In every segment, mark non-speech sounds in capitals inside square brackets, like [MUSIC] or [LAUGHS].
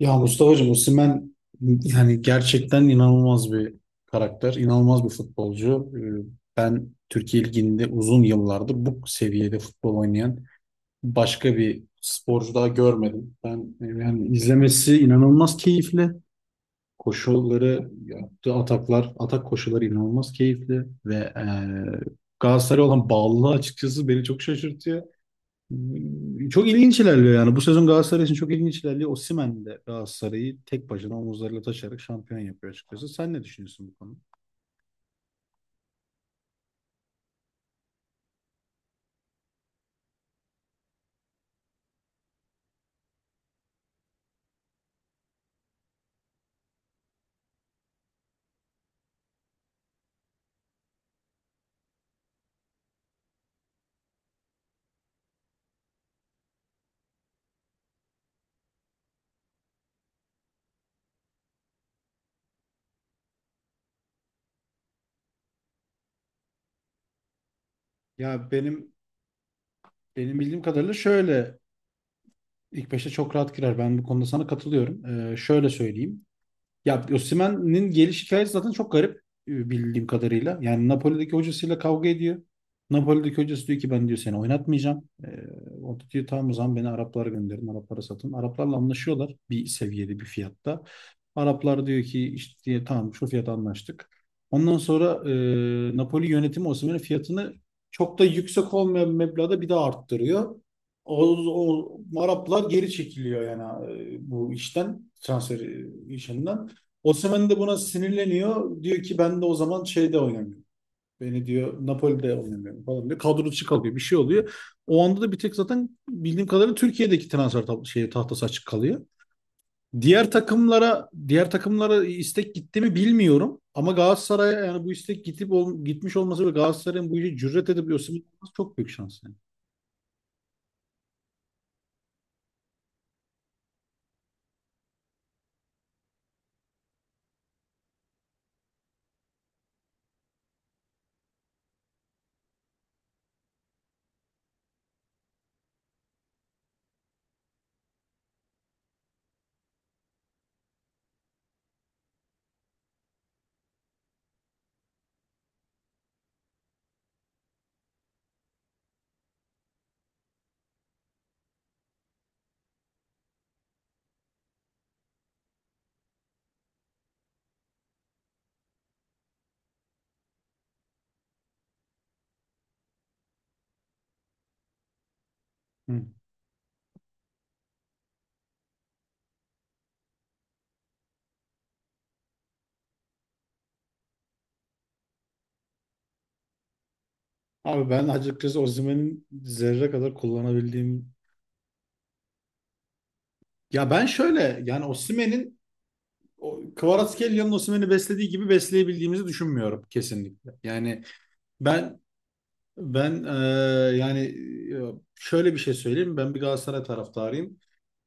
Ya Mustafa'cığım Osimhen yani gerçekten inanılmaz bir karakter, inanılmaz bir futbolcu. Ben Türkiye Ligi'nde uzun yıllardır bu seviyede futbol oynayan başka bir sporcu daha görmedim. Ben yani izlemesi inanılmaz keyifli. Koşulları yaptığı ataklar, atak koşuları inanılmaz keyifli ve Galatasaray'a olan bağlılığı açıkçası beni çok şaşırtıyor. Çok ilginç ilerliyor yani. Bu sezon Galatasaray için çok ilginç ilerliyor. Osimhen de Galatasaray'ı tek başına omuzlarıyla taşıyarak şampiyon yapıyor açıkçası. Sen ne düşünüyorsun bu konuda? Ya benim bildiğim kadarıyla şöyle ilk beşe çok rahat girer. Ben bu konuda sana katılıyorum. Şöyle söyleyeyim. Ya Osimhen'in geliş hikayesi zaten çok garip, bildiğim kadarıyla. Yani Napoli'deki hocasıyla kavga ediyor. Napoli'deki hocası diyor ki ben diyor seni oynatmayacağım. O da diyor tamam o zaman beni Araplara gönderin, Araplara satın. Araplarla anlaşıyorlar bir seviyede, bir fiyatta. Araplar diyor ki işte diye, tamam şu fiyata anlaştık. Ondan sonra Napoli yönetimi Osimhen'in fiyatını çok da yüksek olmayan bir meblağda bir daha arttırıyor. O, o Araplar geri çekiliyor yani bu işten transfer işinden. Osimhen de buna sinirleniyor. Diyor ki ben de o zaman şeyde oynamıyorum. Beni diyor Napoli'de oynamıyorum falan diyor. Kadro dışı kalıyor. Bir şey oluyor. O anda da bir tek zaten bildiğim kadarıyla Türkiye'deki transfer tahtası açık kalıyor. Diğer takımlara istek gitti mi bilmiyorum. Ama Galatasaray'a yani bu istek gitip gitmiş olması ve Galatasaray'ın bu işe cüret edip Osimhen'i alması çok büyük şans yani. Hı. Abi ben açıkçası Osimhen'in zerre kadar kullanabildiğim, ya ben şöyle, yani Osimhen'in o Kvaratskhelia'nın Osimhen'i beslediği gibi besleyebildiğimizi düşünmüyorum kesinlikle. Yani ben ben yani şöyle bir şey söyleyeyim. Ben bir Galatasaray taraftarıyım.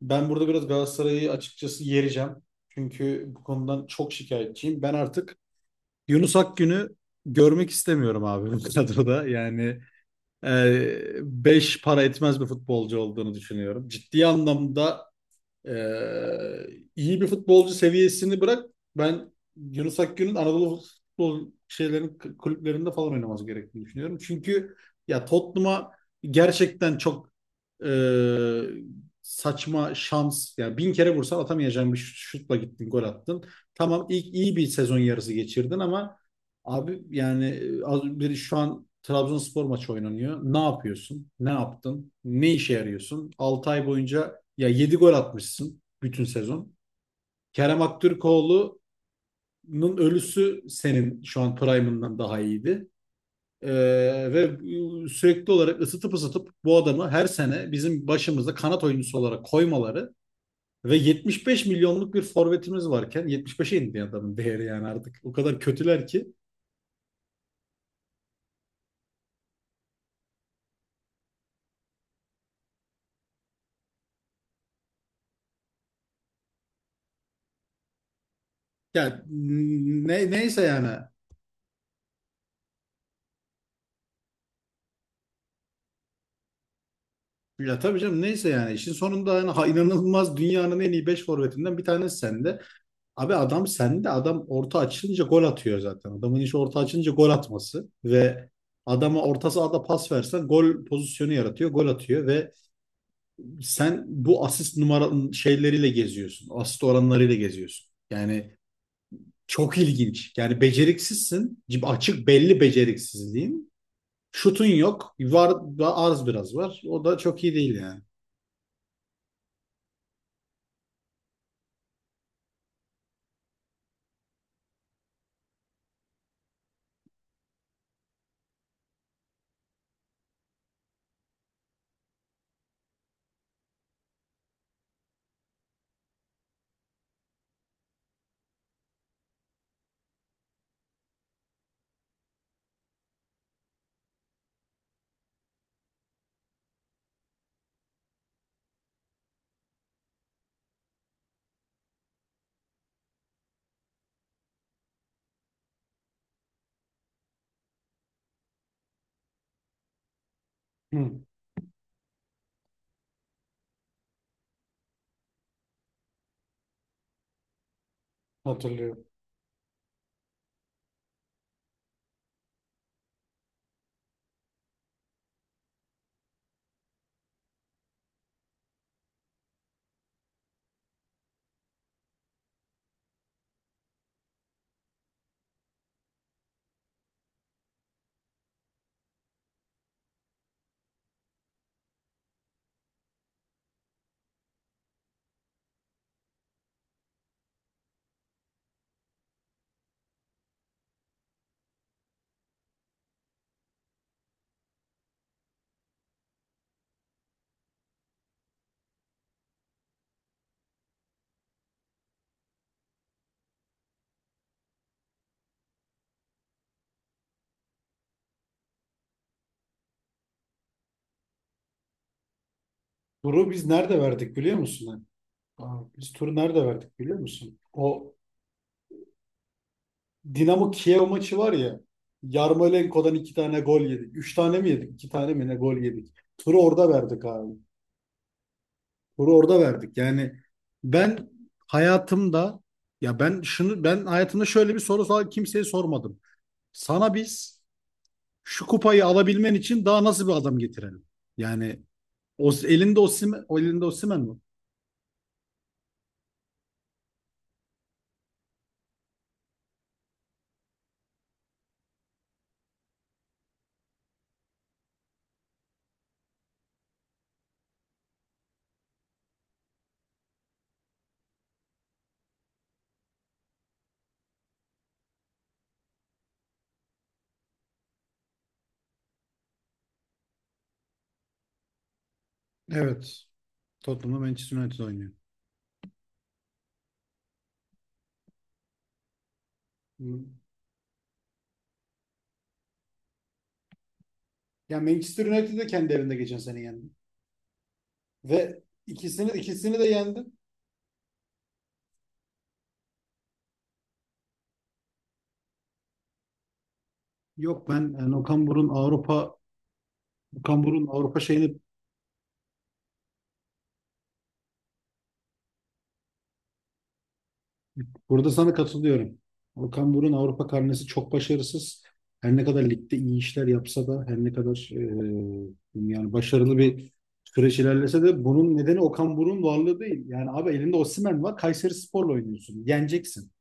Ben burada biraz Galatasaray'ı açıkçası yereceğim. Çünkü bu konudan çok şikayetçiyim. Ben artık Yunus Akgün'ü görmek istemiyorum abi bu [LAUGHS] kadroda. Yani beş para etmez bir futbolcu olduğunu düşünüyorum. Ciddi anlamda ee, iyi bir futbolcu seviyesini bırak. Ben Yunus Akgün'ün Anadolu futbol şeylerin kulüplerinde falan oynaması gerektiğini düşünüyorum. Çünkü ya Tottenham'a gerçekten çok e, saçma şans. Yani bin kere vursan atamayacağın bir şutla gittin, gol attın. Tamam ilk iyi bir sezon yarısı geçirdin ama abi yani az, bir şu an Trabzonspor maçı oynanıyor. Ne yapıyorsun? Ne yaptın? Ne işe yarıyorsun? 6 ay boyunca ya 7 gol atmışsın bütün sezon. Kerem Aktürkoğlu'nun ölüsü senin şu an prime'ından daha iyiydi. Ee, ve sürekli olarak ısıtıp ısıtıp bu adamı her sene bizim başımızda kanat oyuncusu olarak koymaları ve 75 milyonluk bir forvetimiz varken 75'e indi adamın değeri yani artık. O kadar kötüler ki. Ya neyse yani. Ya tabii canım neyse yani. İşin sonunda yani, ha, inanılmaz dünyanın en iyi 5 forvetinden bir tanesi sende. Abi adam sende, adam orta açılınca gol atıyor zaten. Adamın işi orta açılınca gol atması ve adama orta sahada pas versen gol pozisyonu yaratıyor, gol atıyor ve sen bu asist numara şeyleriyle geziyorsun. Asist oranlarıyla geziyorsun. Yani çok ilginç. Yani beceriksizsin. Açık belli beceriksizliğin. Şutun yok. Var, arz biraz var. O da çok iyi değil yani. Hı, hatırlıyorum. Turu biz nerede verdik biliyor musun? Aa, biz turu nerede verdik biliyor musun? O Dinamo Kiev maçı var ya. Yarmolenko'dan iki tane gol yedik. Üç tane mi yedik? İki tane mi ne gol yedik? Turu orada verdik abi. Turu orada verdik. Yani ben hayatımda, ya ben şunu ben hayatımda şöyle bir kimseye sormadım. Sana biz şu kupayı alabilmen için daha nasıl bir adam getirelim? Yani o elinde Osimhen, o elinde Osimhen mi? Evet. Tottenham'da Manchester United oynuyor. Hı. Ya Manchester United de kendi evinde geçen sene yendi. Ve ikisini de yendi. Yok ben yani Okan Buruk'un Avrupa şeyini burada sana katılıyorum. Okan Buruk'un Avrupa karnesi çok başarısız. Her ne kadar ligde iyi işler yapsa da, her ne kadar yani başarılı bir süreç ilerlese de bunun nedeni Okan Buruk'un varlığı değil. Yani abi elinde Osimhen var. Kayserispor'la oynuyorsun. Yeneceksin.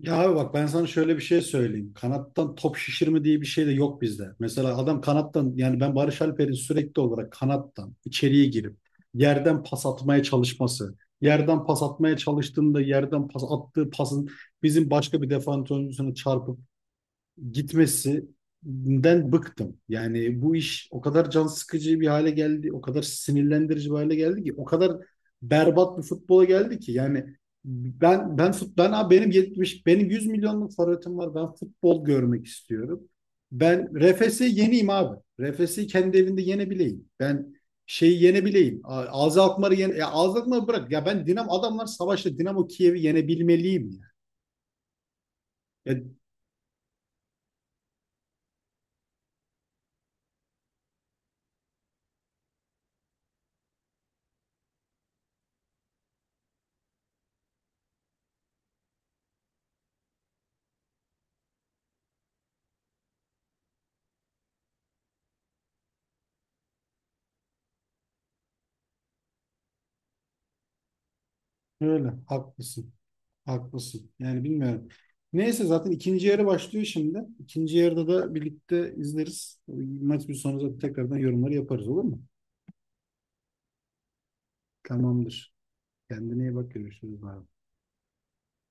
Ya abi bak ben sana şöyle bir şey söyleyeyim. Kanattan top şişirme diye bir şey de yok bizde. Mesela adam kanattan, yani ben Barış Alper'in sürekli olarak kanattan içeriye girip yerden pas atmaya çalışması, yerden pas atmaya çalıştığında yerden pas attığı pasın bizim başka bir defans oyuncusuna çarpıp gitmesinden bıktım. Yani bu iş o kadar can sıkıcı bir hale geldi, o kadar sinirlendirici bir hale geldi ki, o kadar berbat bir futbola geldi ki. Yani ben abi benim 100 milyonluk forvetim var. Ben futbol görmek istiyorum. Ben RFS'i yeneyim abi. RFS'i kendi evinde yenebileyim. Ben şeyi yenebileyim. Azı Alkmaar'ı yene, ya Azı Alkmaar'ı bırak. Ya ben Dinamo, adamlar savaşta Dinamo Kiev'i yenebilmeliyim ya. Ya öyle haklısın. Haklısın. Yani bilmiyorum. Neyse zaten ikinci yarı başlıyor şimdi. İkinci yarıda da birlikte izleriz. Maç bir sonra zaten tekrardan yorumları yaparız, olur mu? Tamamdır. Kendine iyi bak, görüşürüz abi.